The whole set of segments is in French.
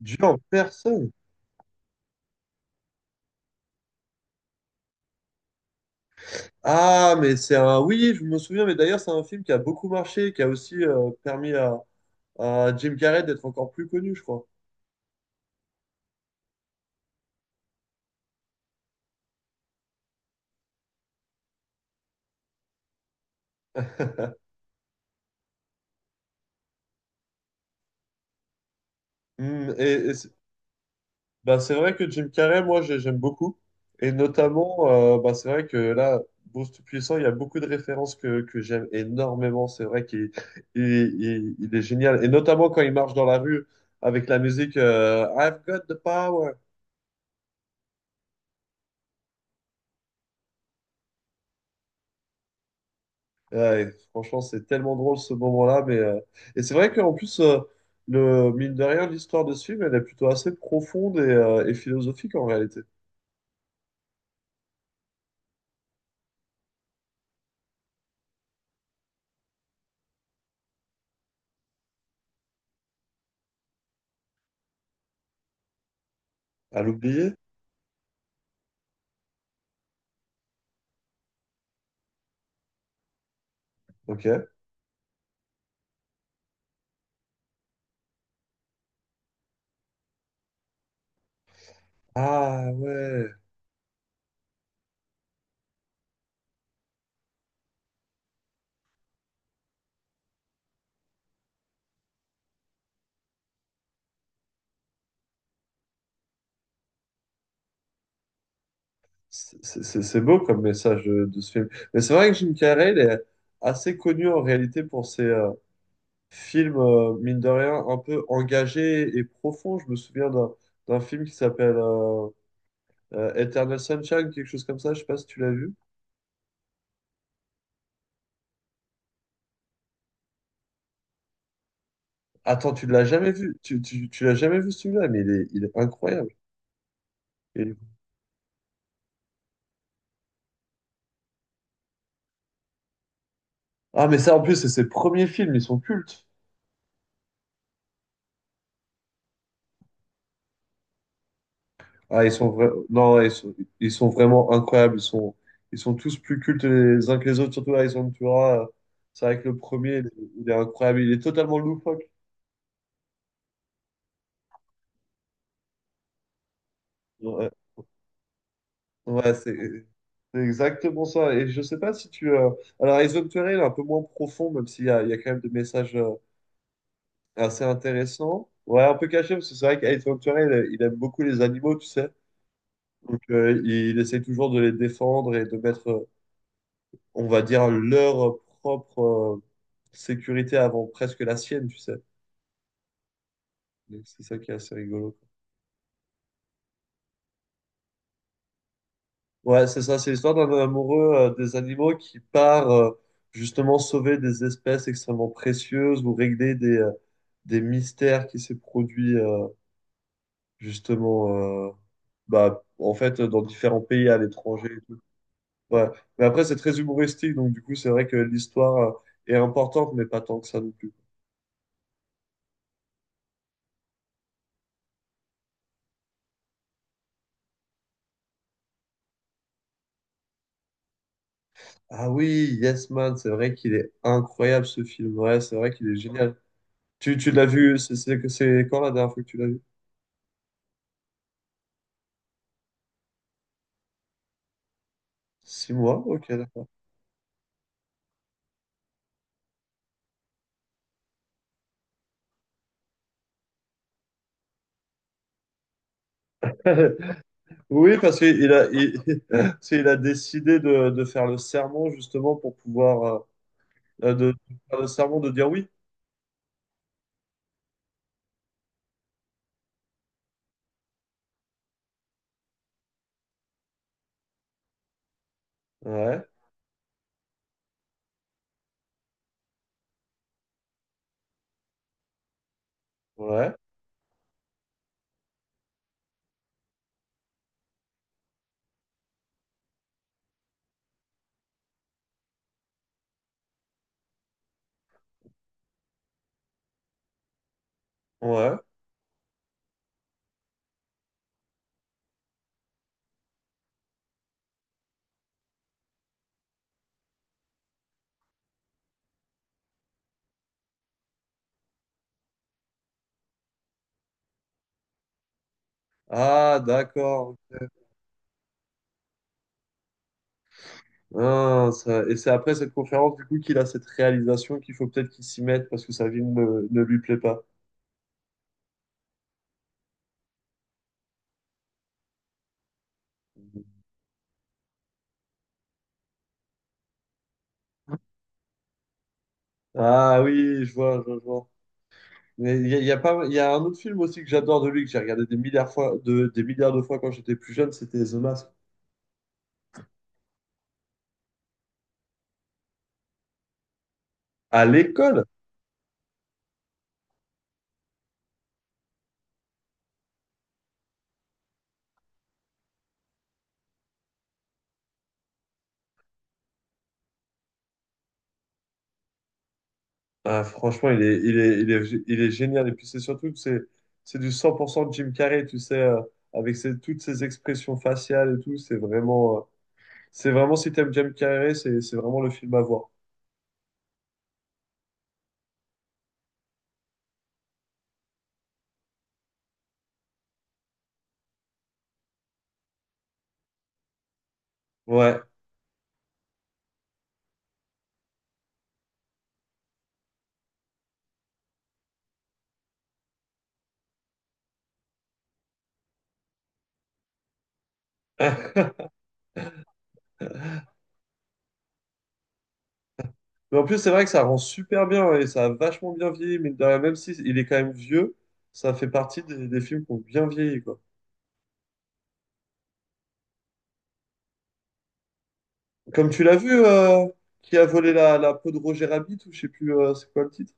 Dieu en personne. Ah, mais c'est un. Oui, je me souviens, mais d'ailleurs, c'est un film qui a beaucoup marché, qui a aussi permis à Jim Carrey d'être encore plus connu, je crois. Hmm, et et c'est, bah, c'est vrai que Jim Carrey, moi, j'aime beaucoup. Et notamment, bah, c'est vrai que là, Bruce Tout-Puissant, il y a beaucoup de références que j'aime énormément. C'est vrai qu'il il, il est génial. Et notamment quand il marche dans la rue avec la musique, I've got the power. Ouais, et franchement, c'est tellement drôle ce moment-là. Mais, et c'est vrai qu'en plus, mine de rien, l'histoire de ce film, elle est plutôt assez profonde et philosophique en réalité. À l'oublier? Ok. Ah ouais. C'est beau comme message de ce film. Mais c'est vrai que Jim Carrey, il est assez connu en réalité pour ses films, mine de rien, un peu engagés et profonds. Je me souviens d'un film qui s'appelle Eternal Sunshine, quelque chose comme ça. Je sais pas si tu l'as vu. Attends, tu l'as jamais vu. Tu l'as jamais vu celui-là, mais il est incroyable. Il- est- Ah, mais ça, en plus, c'est ses premiers films, ils sont cultes. Ah, non, ils sont vraiment incroyables. Ils sont tous plus cultes les uns que les autres, surtout là, ils sont, tu vois, c'est vrai que le premier, il est incroyable. Il est totalement loufoque. Ouais, ouais, c'est exactement ça. Et je sais pas si tu. Alors, Eyes of the Terror, il est un peu moins profond, même s'il y a, quand même des messages. Alors, c'est intéressant. Ouais, un peu caché, parce que c'est vrai qu'Ace Ventura, il aime beaucoup les animaux, tu sais. Donc, il essaie toujours de les défendre et de mettre, on va dire, leur propre sécurité avant presque la sienne, tu sais. Donc, c'est ça qui est assez rigolo. Ouais, c'est ça, c'est l'histoire d'un amoureux des animaux qui part justement sauver des espèces extrêmement précieuses ou régler des mystères qui s'est produit justement, bah, en fait dans différents pays à l'étranger. Ouais. Mais après, c'est très humoristique, donc du coup, c'est vrai que l'histoire, est importante, mais pas tant que ça non plus. Ah oui, Yes Man, c'est vrai qu'il est incroyable ce film. Ouais, c'est vrai qu'il est génial. Tu l'as vu, c'est quand la dernière fois que tu l'as vu? 6 mois? Ok, d'accord. Oui, parce qu'il a, parce qu'il a décidé de faire le serment justement pour pouvoir de faire le serment de dire oui. Ouais, ouais, ouais. Ah, d'accord. Ah, et c'est après cette conférence du coup qu'il a cette réalisation qu'il faut peut-être qu'il s'y mette parce que sa vie ne lui plaît pas. Ah oui, je vois, je vois. Je vois. Mais il y a pas, il y a un autre film aussi que j'adore de lui que j'ai regardé des milliards de fois quand j'étais plus jeune, c'était The Mask. À l'école, ah, franchement, il est génial. Et puis c'est surtout que c'est du 100% Jim Carrey, tu sais, avec toutes ses expressions faciales et tout. C'est vraiment si t'aimes Jim Carrey, c'est vraiment le film à voir. Ouais. Mais en plus, c'est vrai que ça rend super bien et ça a vachement bien vieilli, mais même si il est quand même vieux, ça fait partie des films qui ont bien vieilli, quoi. Comme tu l'as vu, qui a volé la peau de Roger Rabbit, ou je sais plus, c'est quoi le titre.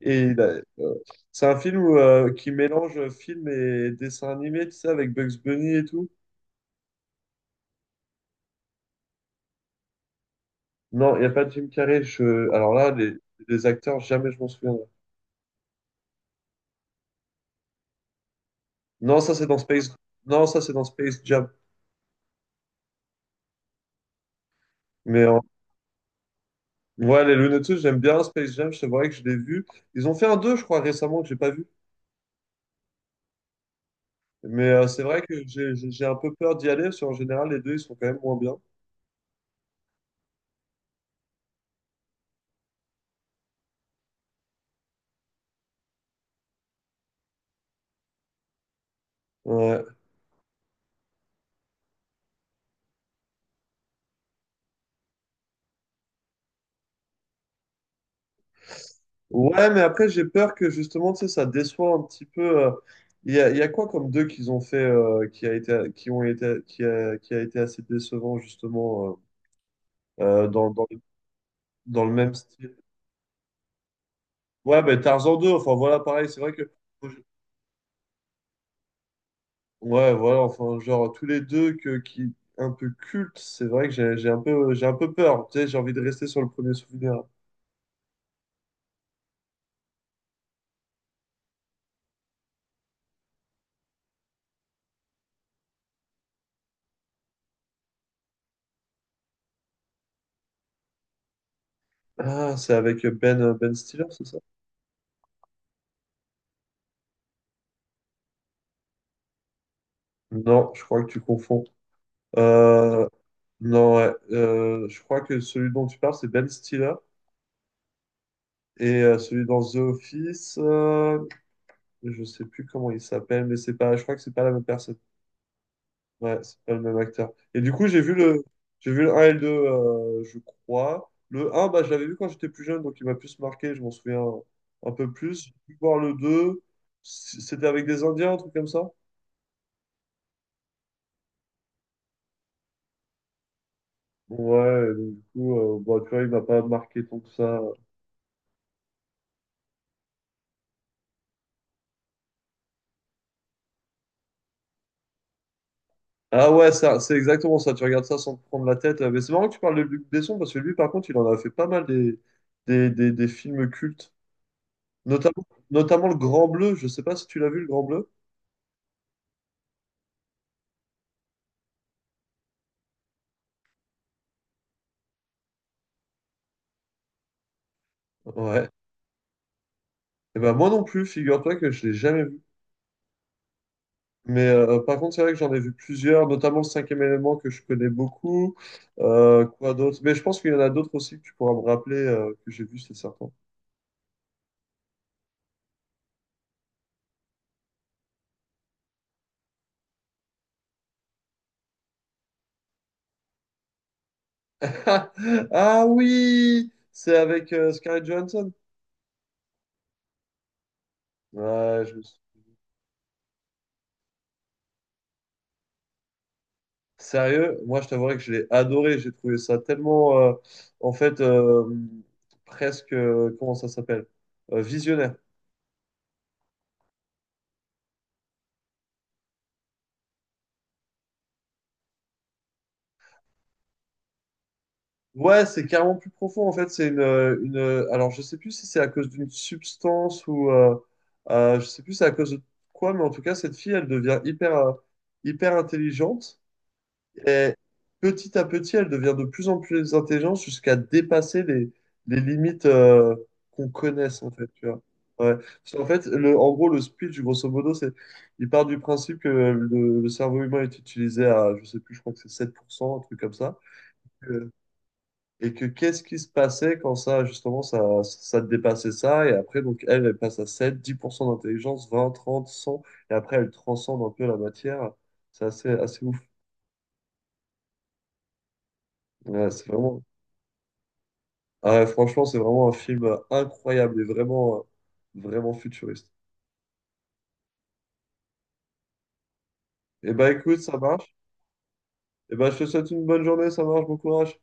Et il a- euh, c'est un film qui mélange film et dessin animé, tu sais, avec Bugs Bunny et tout. Non, il n'y a pas de Jim Carrey. Alors là, les acteurs, jamais je m'en souviendrai. Non, ça c'est dans Space. Non, ça c'est dans Space Jam. Mais ouais, les Looney Tunes, j'aime bien Space Jam, c'est vrai que je l'ai vu. Ils ont fait un 2 je crois, récemment, que j'ai pas vu. Mais c'est vrai que j'ai un peu peur d'y aller, parce qu'en général, les deux, ils sont quand même moins bien. Ouais, ouais, mais après, j'ai peur que justement, tu sais, ça déçoit un petit peu. Il y a quoi comme deux qu'ils ont fait, qui a été, qui ont été, qui a été assez décevant, justement, euh, euh, dans, dans, dans le même style? Ouais, ben Tarzan deux, enfin voilà, pareil, c'est vrai que. Ouais, voilà, enfin, genre, tous les deux un peu cultes, c'est vrai que j'ai un peu peur. Tu sais, j'ai envie de rester sur le premier souvenir. Ah, c'est avec Ben Stiller, c'est ça? Non, je crois que tu confonds. Euh, non, ouais, je crois que celui dont tu parles, c'est Ben Stiller. Et celui dans The Office, je sais plus comment il s'appelle, mais c'est pas, je crois que c'est pas la même personne. Ouais, c'est pas le même acteur. Et du coup, j'ai vu le 1 et le 2, je crois. Le 1, bah, je l'avais vu quand j'étais plus jeune, donc il m'a plus marqué, je m'en souviens un peu plus. J'ai pu voir le 2, c'était avec des Indiens, un truc comme ça. Ouais, et donc, du coup, bah, tu vois, il m'a pas marqué tant que ça. Ah ouais, ça, c'est exactement ça, tu regardes ça sans te prendre la tête. Mais c'est marrant que tu parles de Luc Besson, parce que lui, par contre, il en a fait pas mal des films cultes. Notamment, Le Grand Bleu, je sais pas si tu l'as vu, Le Grand Bleu. Ouais. Et ben moi non plus, figure-toi que je l'ai jamais vu. Mais par contre, c'est vrai que j'en ai vu plusieurs, notamment le cinquième élément que je connais beaucoup. Quoi d'autre? Mais je pense qu'il y en a d'autres aussi que tu pourras me rappeler, que j'ai vu, c'est certain. Ah oui! C'est avec Scarlett Johansson. Ouais, sérieux, moi je t'avouerais que je l'ai adoré. J'ai trouvé ça tellement, en fait, presque, comment ça s'appelle? Visionnaire. Ouais, c'est carrément plus profond. En fait, c'est une, une. Alors, je sais plus si c'est à cause d'une substance ou. Je sais plus c'est à cause de quoi, mais en tout cas, cette fille, elle devient hyper intelligente. Et petit à petit, elle devient de plus en plus intelligente jusqu'à dépasser les limites, qu'on connaisse, en fait. Tu vois. Ouais. Parce qu'en fait, en gros, le speech, grosso modo, c'est. Il part du principe que le cerveau humain est utilisé à, je sais plus, je crois que c'est 7%, un truc comme ça. Euh, et que qu'est-ce qui se passait quand ça, justement, ça dépassait ça, et après, donc, elle passe à sept dix pour cent d'intelligence, 20 30 100 et après, elle transcende un peu la matière. C'est assez, assez ouf. Ouais, c'est vraiment, ah ouais, franchement, c'est vraiment un film, incroyable et vraiment futuriste. Et bah, écoute, ça marche. Et bah, je te souhaite une bonne journée, ça marche, bon courage.